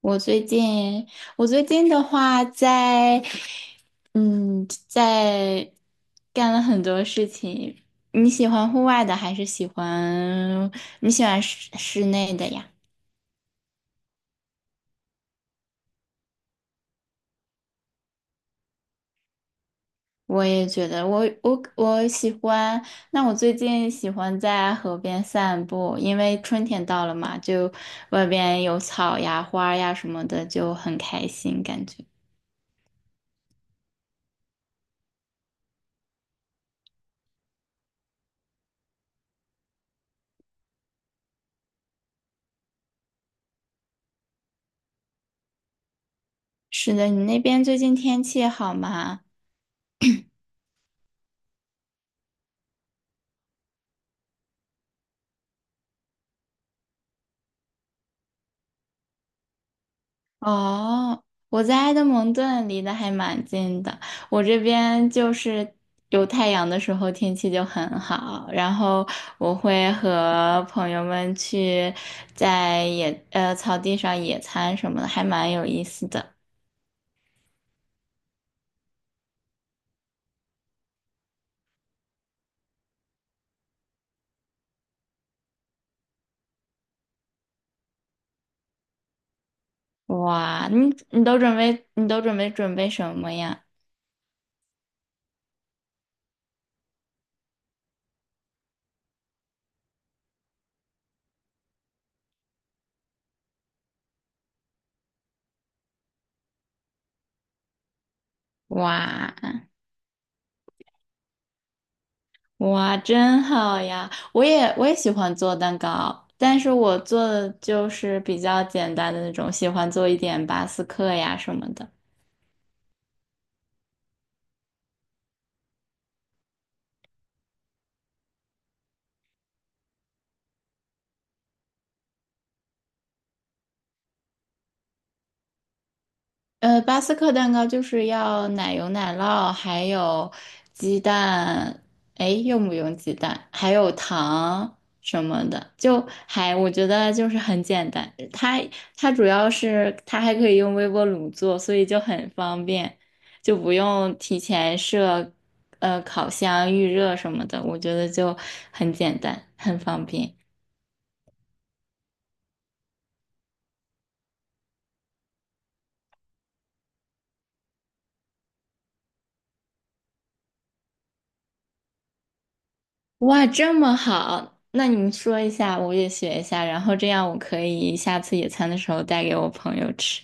我最近，我最近的话在干了很多事情。你喜欢户外的还是你喜欢室内的呀？我也觉得我喜欢。那我最近喜欢在河边散步，因为春天到了嘛，就外边有草呀、花呀什么的，就很开心感觉。是的，你那边最近天气好吗？哦，我在埃德蒙顿离得还蛮近的，我这边就是有太阳的时候天气就很好，然后我会和朋友们去在草地上野餐什么的，还蛮有意思的。哇，你都准备什么呀？哇，哇，真好呀！我也喜欢做蛋糕，但是我做的就是比较简单的那种，喜欢做一点巴斯克呀什么的。巴斯克蛋糕就是要奶油、奶酪，还有鸡蛋，哎，用不用鸡蛋？还有糖什么的，就还我觉得就是很简单。它主要是它还可以用微波炉做，所以就很方便，就不用提前烤箱预热什么的，我觉得就很简单，很方便。哇，这么好，那你说一下，我也学一下，然后这样我可以下次野餐的时候带给我朋友吃。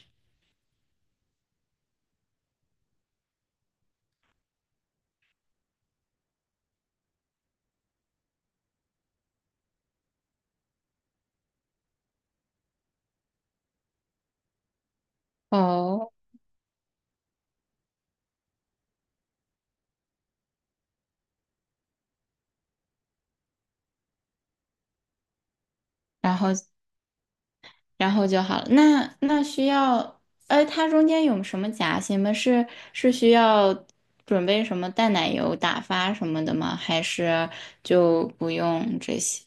哦，然后然后就好了。那那需要，呃，它中间有什么夹心吗？是是需要准备什么淡奶油打发什么的吗？还是就不用这些？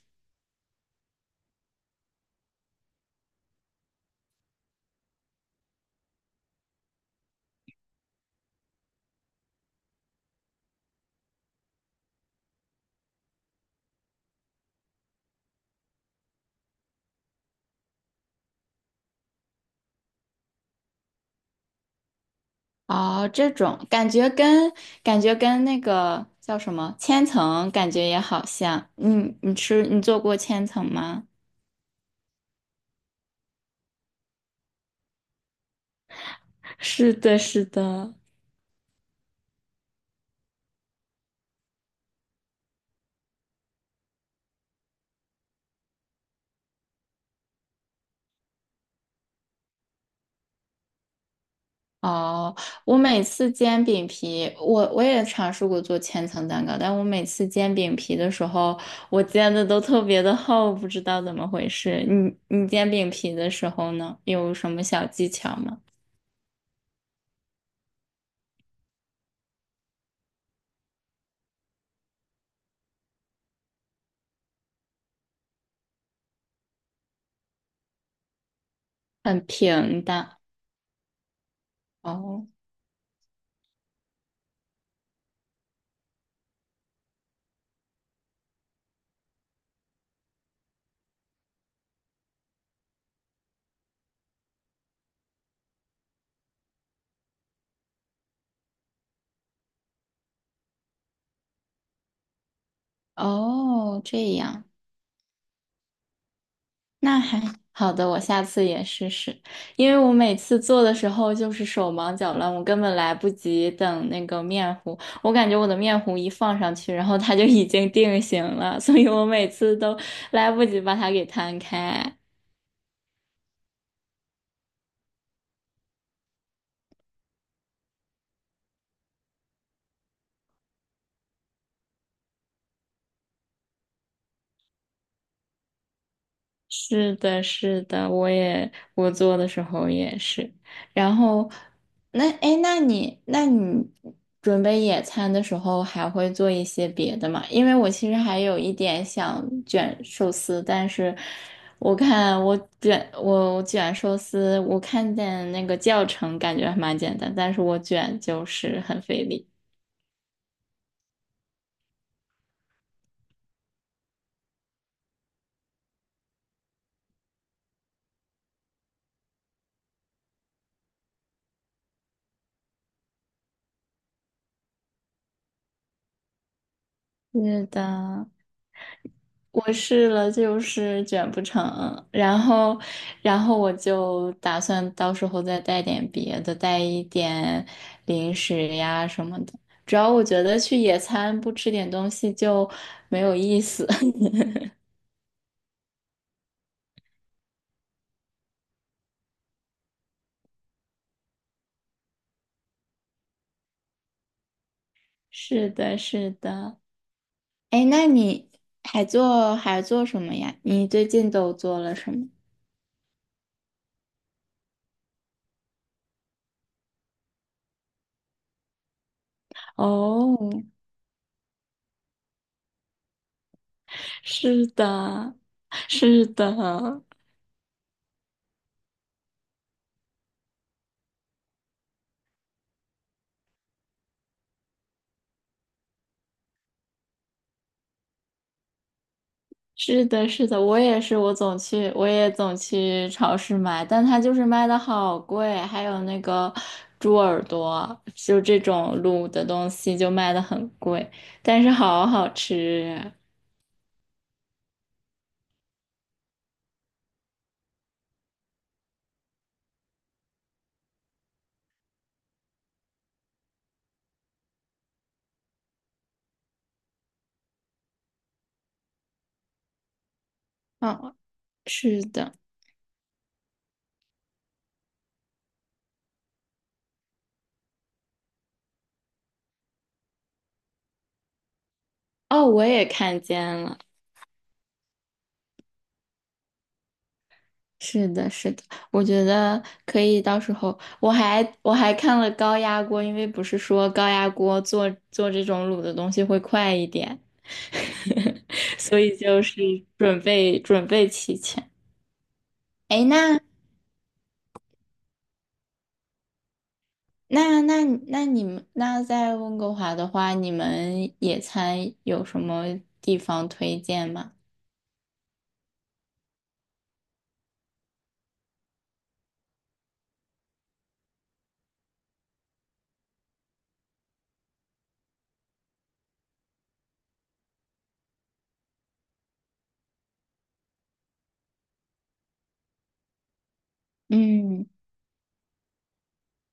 哦，这种感觉跟那个叫什么千层感觉也好像。你做过千层吗？是的，是的。哦，我每次煎饼皮，我也尝试过做千层蛋糕，但我每次煎饼皮的时候，我煎的都特别的厚，不知道怎么回事。你煎饼皮的时候呢，有什么小技巧吗？很平的。哦哦，这样。那还好的，我下次也试试。因为我每次做的时候就是手忙脚乱，我根本来不及等那个面糊。我感觉我的面糊一放上去，然后它就已经定型了，所以我每次都来不及把它给摊开。是的，是的，我做的时候也是。然后，那哎，诶那你那你准备野餐的时候还会做一些别的吗？因为我其实还有一点想卷寿司，但是我看我卷我我卷寿司，我看见那个教程感觉还蛮简单，但是我卷就是很费力。是的，我试了，就是卷不成，然后，我就打算到时候再带点别的，带一点零食呀什么的。主要我觉得去野餐不吃点东西就没有意思。是的，是的。哎，那你还做什么呀？你最近都做了什么？哦，是的，是的。是的，是的，我也是，我也总去超市买，但它就是卖的好贵，还有那个猪耳朵，就这种卤的东西就卖的很贵，但是好好吃啊。嗯，是的，哦，我也看见了。是的，是的，我觉得可以。到时候我还看了高压锅，因为不是说高压锅做这种卤的东西会快一点，所以就是准备准备齐全。哎，那你们那在温哥华的话，你们野餐有什么地方推荐吗？嗯，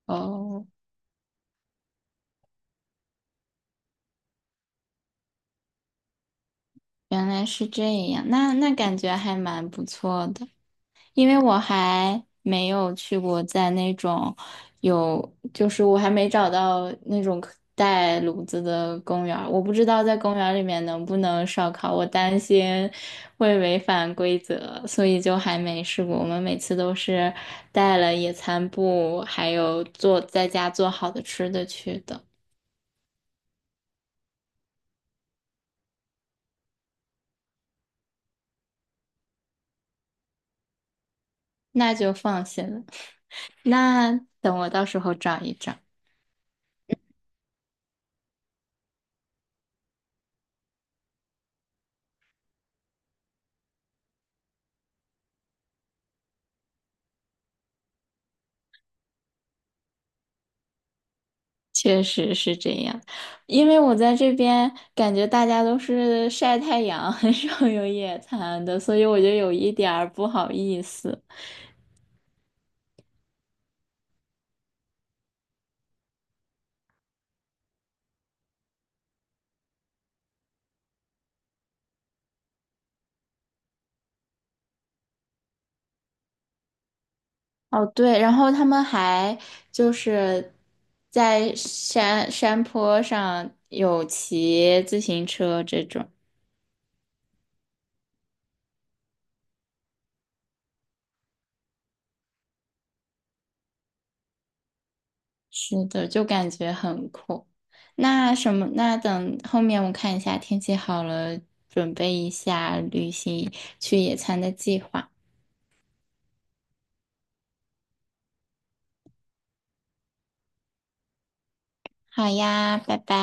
哦，原来是这样，那感觉还蛮不错的。因为我还没有去过在那种有，就是我还没找到那种可带炉子的公园儿，我不知道在公园儿里面能不能烧烤，我担心会违反规则，所以就还没试过。我们每次都是带了野餐布，还有做在家做好的吃的去的，那就放心了。那等我到时候找一找。确实是这样，因为我在这边感觉大家都是晒太阳，很少有野餐的，所以我就有一点儿不好意思。哦，对，然后他们还就是在山坡上有骑自行车这种，是的，就感觉很酷。那什么，那等后面我看一下天气好了，准备一下旅行去野餐的计划。好呀，拜拜。